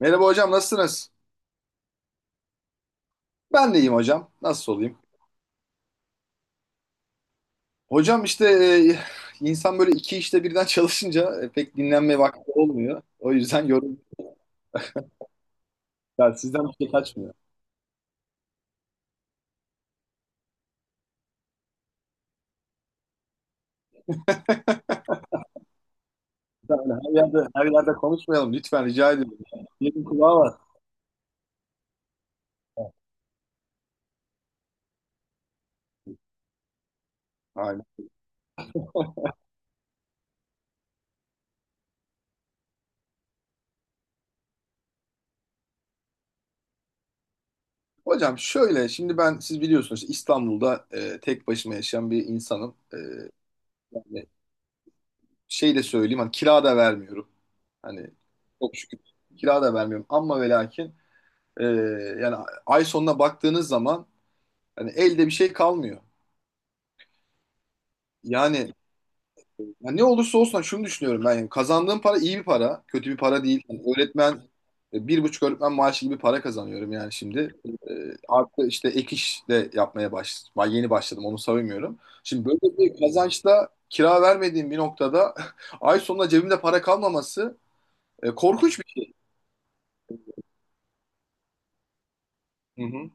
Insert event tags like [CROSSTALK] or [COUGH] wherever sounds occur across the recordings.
Merhaba hocam, nasılsınız? Ben de iyiyim hocam. Nasıl olayım? Hocam işte insan böyle iki işte birden [LAUGHS] çalışınca pek dinlenme vakti olmuyor. O yüzden yorum yani sizden bir şey kaçmıyor. Lütfen öyle her yerde her yerde konuşmayalım, lütfen rica ediyorum. Yerin kulağı var. Aynen. Hocam şöyle, şimdi ben, siz biliyorsunuz işte İstanbul'da tek başıma yaşayan bir insanım. Yani şey de söyleyeyim, hani kira da vermiyorum. Hani çok şükür kira da vermiyorum ama ve lakin e, yani ay sonuna baktığınız zaman hani elde bir şey kalmıyor. Yani, ya ne olursa olsun, hani şunu düşünüyorum ben. Yani kazandığım para iyi bir para. Kötü bir para değil. Yani öğretmen, bir buçuk öğretmen maaşı gibi para kazanıyorum yani şimdi. E, Artı işte ek iş de yapmaya başladım. Ben yeni başladım, onu savunmuyorum. Şimdi böyle bir kazançta, kira vermediğim bir noktada, [LAUGHS] ay sonunda cebimde para kalmaması korkunç bir şey. Hı hı.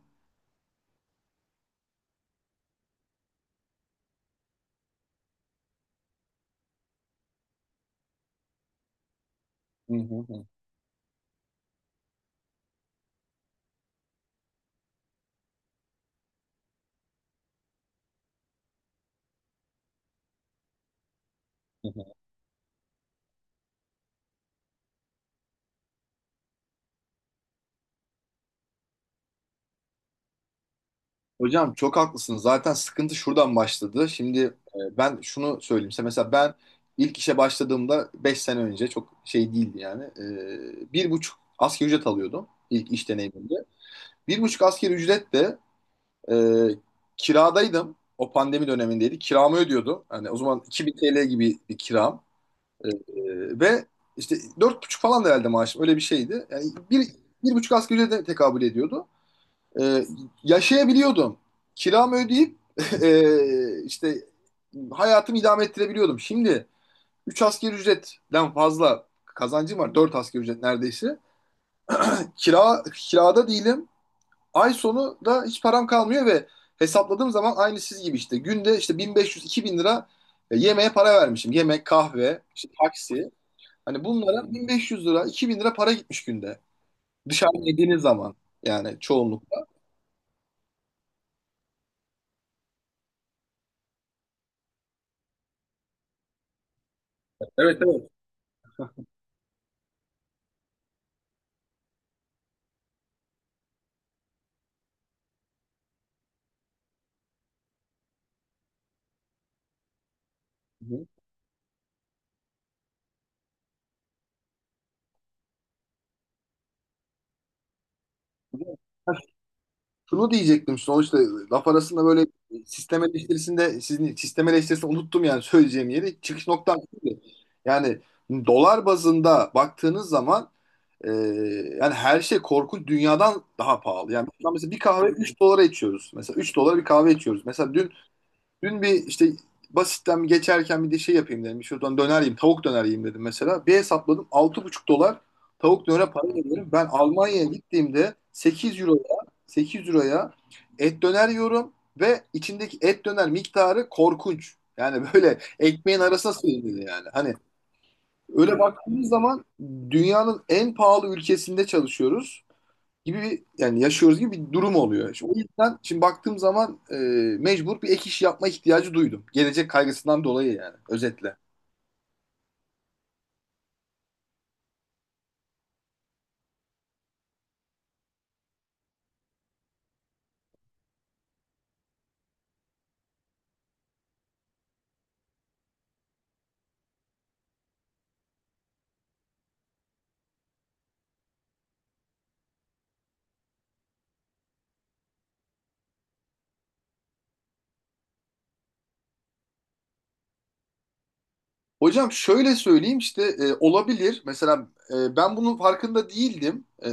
Hı hı hı. Hocam çok haklısınız. Zaten sıkıntı şuradan başladı. Şimdi ben şunu söyleyeyim size. Mesela ben ilk işe başladığımda, 5 sene önce, çok şey değildi yani. 1,5 asgari ücret alıyordum ilk iş deneyimimde. 1,5 asgari ücretle e, kiradaydım. O pandemi dönemindeydi. Kiramı ödüyordum. Hani o zaman 2000 TL gibi bir kiram. E, e, Ve işte 4,5 falan da herhalde maaşım. Öyle bir şeydi. Yani bir, bir buçuk asgari ücrete tekabül ediyordu. Ee, Yaşayabiliyordum. Kiramı ödeyip [LAUGHS] işte hayatımı idame ettirebiliyordum. Şimdi 3 asgari ücretten fazla kazancım var, 4 asgari ücret neredeyse. Kirada değilim. Ay sonu da hiç param kalmıyor ve hesapladığım zaman, aynı siz gibi işte, günde işte 1500-2000 lira yemeğe para vermişim. Yemek, kahve, işte taksi. Hani bunlara 1500 lira, 2000 lira para gitmiş günde. Dışarıda yediğiniz zaman yani, çoğunlukla. Evet, evet. Hı hı. Şunu diyecektim: Sonuçta laf arasında böyle sistem eleştirisinde, sizin sistem eleştirisini unuttum yani, söyleyeceğim yeri, çıkış noktam şuydu. Yani dolar bazında baktığınız zaman, e, yani her şey korkunç, dünyadan daha pahalı. Yani şu an mesela bir kahve 3 dolara içiyoruz. Mesela 3 dolara bir kahve içiyoruz. Mesela Dün bir işte basitten bir geçerken bir de şey yapayım dedim. Şuradan döner yiyeyim. Tavuk döner yiyeyim dedim mesela. Bir hesapladım, 6,5 dolar tavuk dönere para veriyorum. Ben Almanya'ya gittiğimde sekiz euroya et döner yiyorum ve içindeki et döner miktarı korkunç. Yani böyle ekmeğin arasına sığmıyor yani. Hani öyle baktığımız zaman dünyanın en pahalı ülkesinde çalışıyoruz gibi bir, yani yaşıyoruz gibi bir durum oluyor. İşte o yüzden şimdi baktığım zaman mecbur bir ek iş yapma ihtiyacı duydum. Gelecek kaygısından dolayı yani, özetle. Hocam şöyle söyleyeyim işte, olabilir. Mesela ben bunun farkında değildim.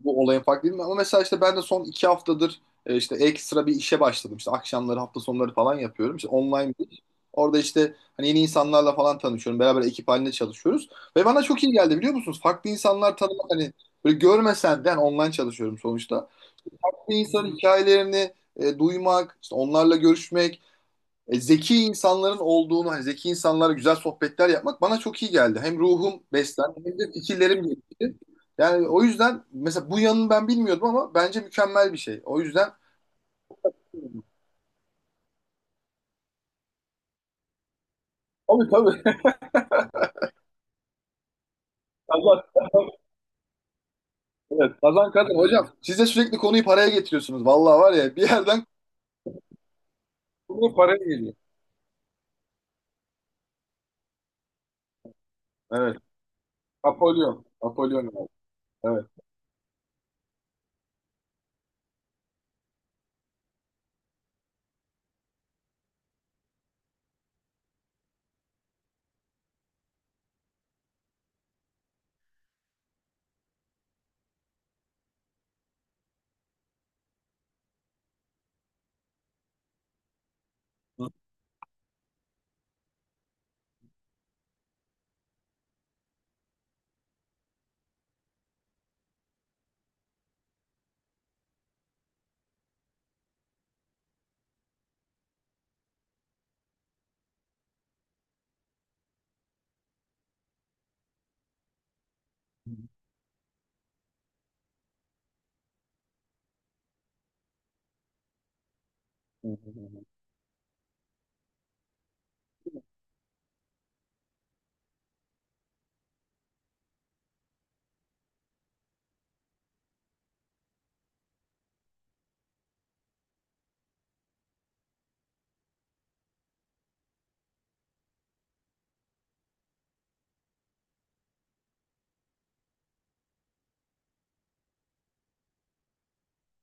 Bu olayın farkında değildim. Ama mesela işte ben de son 2 haftadır işte ekstra bir işe başladım. İşte akşamları, hafta sonları falan yapıyorum. İşte online bir iş. Orada işte hani yeni insanlarla falan tanışıyorum. Beraber ekip halinde çalışıyoruz. Ve bana çok iyi geldi, biliyor musunuz? Farklı insanlar tanımak, hani böyle görmesen de, yani online çalışıyorum sonuçta. Bir insanın hikayelerini duymak, işte onlarla görüşmek, zeki insanların olduğunu, hani zeki insanlara güzel sohbetler yapmak bana çok iyi geldi. Hem ruhum beslendi hem de fikirlerim gelişti. Yani o yüzden mesela bu yanını ben bilmiyordum ama bence mükemmel bir şey. O yüzden. Tabii, tabii. [LAUGHS] Kazan, evet. Kazan kazan. Hocam siz de sürekli konuyu paraya getiriyorsunuz. Vallahi var ya, bir yerden konu paraya geliyor. Evet. Napolyon. Napolyon, abi. Evet.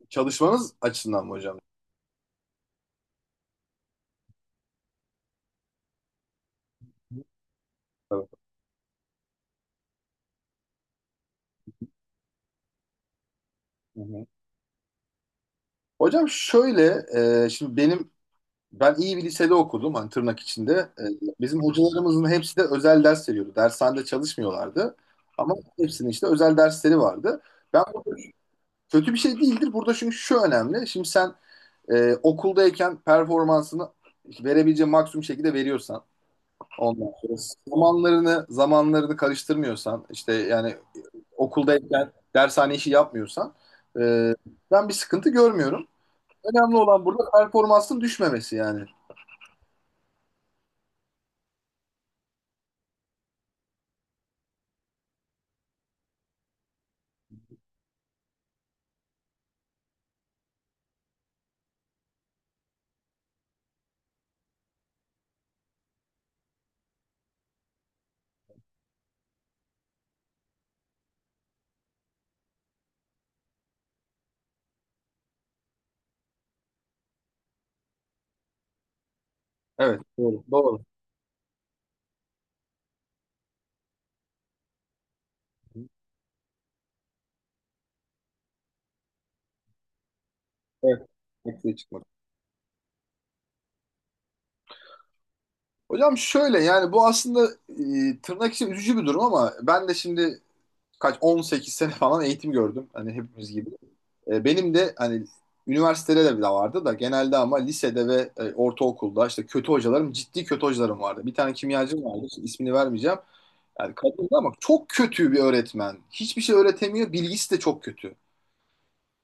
Çalışmanız açısından mı hocam? Evet. Hı hı. Hocam şöyle, şimdi ben iyi bir lisede okudum hani, tırnak içinde. Ee, Bizim hocalarımızın hepsi de özel ders veriyordu. Dershanede çalışmıyorlardı. Ama hepsinin işte özel dersleri vardı. Ben burada kötü bir şey değildir. Burada çünkü şu önemli: Şimdi sen okuldayken performansını verebileceğin maksimum şekilde veriyorsan, ondan sonra zamanlarını karıştırmıyorsan işte, yani okuldayken dershane işi yapmıyorsan, e, ben bir sıkıntı görmüyorum. Önemli olan burada performansın düşmemesi yani. Evet, doğru. Doğru. Evet. Eksiğe çıkmadı. Hocam şöyle, yani bu aslında tırnak için üzücü bir durum, ama ben de şimdi kaç, 18 sene falan eğitim gördüm. Hani hepimiz gibi. Benim de hani üniversitede de bir vardı da, genelde ama lisede ve ortaokulda işte kötü hocalarım, ciddi kötü hocalarım vardı. Bir tane kimyacım vardı işte, ismini vermeyeceğim. Yani kadındı ama çok kötü bir öğretmen. Hiçbir şey öğretemiyor. Bilgisi de çok kötü.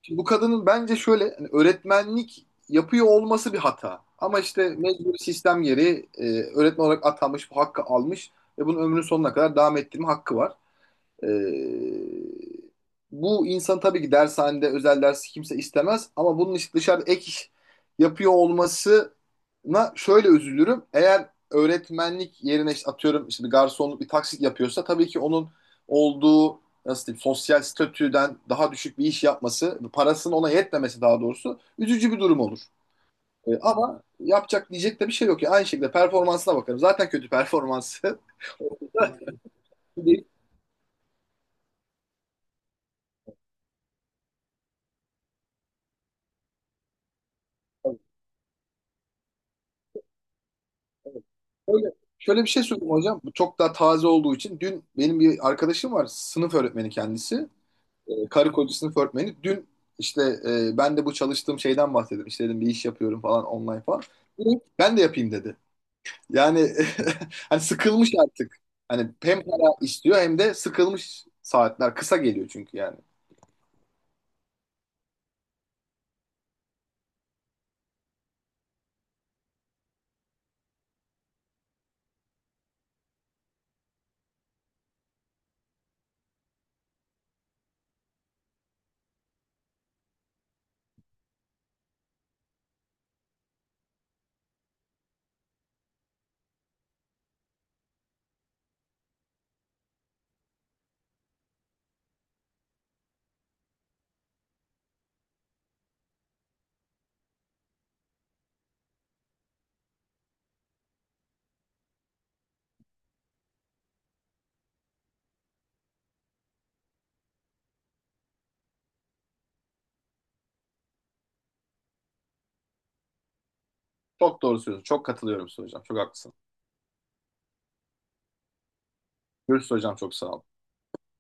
Şimdi bu kadının bence şöyle, hani öğretmenlik yapıyor olması bir hata. Ama işte mecbur sistem gereği öğretmen olarak atanmış, bu hakkı almış ve bunun ömrünün sonuna kadar devam ettirme hakkı var. Ee, Bu insan tabii ki dershanede, özel dersi kimse istemez ama bunun işte dışarıda ek iş yapıyor olmasına şöyle üzülürüm. Eğer öğretmenlik yerine işte, atıyorum işte, bir garsonluk, bir taksit yapıyorsa, tabii ki onun olduğu, nasıl diyeyim, sosyal statüden daha düşük bir iş yapması, parasının ona yetmemesi daha doğrusu, üzücü bir durum olur. Ama yapacak, diyecek de bir şey yok ya. Aynı şekilde performansına bakarım. Zaten kötü performansı. [LAUGHS] Öyle. Şöyle şöyle bir şey söyleyeyim hocam. Bu çok daha taze olduğu için, dün benim bir arkadaşım var. Sınıf öğretmeni kendisi. Karı koca sınıf öğretmeni. Dün işte ben de bu çalıştığım şeyden bahsettim. İşte dedim, bir iş yapıyorum falan, online falan. Direkt ben de yapayım dedi. Yani, [LAUGHS] hani sıkılmış artık. Hani hem para istiyor hem de sıkılmış, saatler kısa geliyor çünkü yani. Çok doğru söylüyorsun. Çok katılıyorum Su hocam. Çok haklısın. Görüşürüz hocam. Çok sağ ol.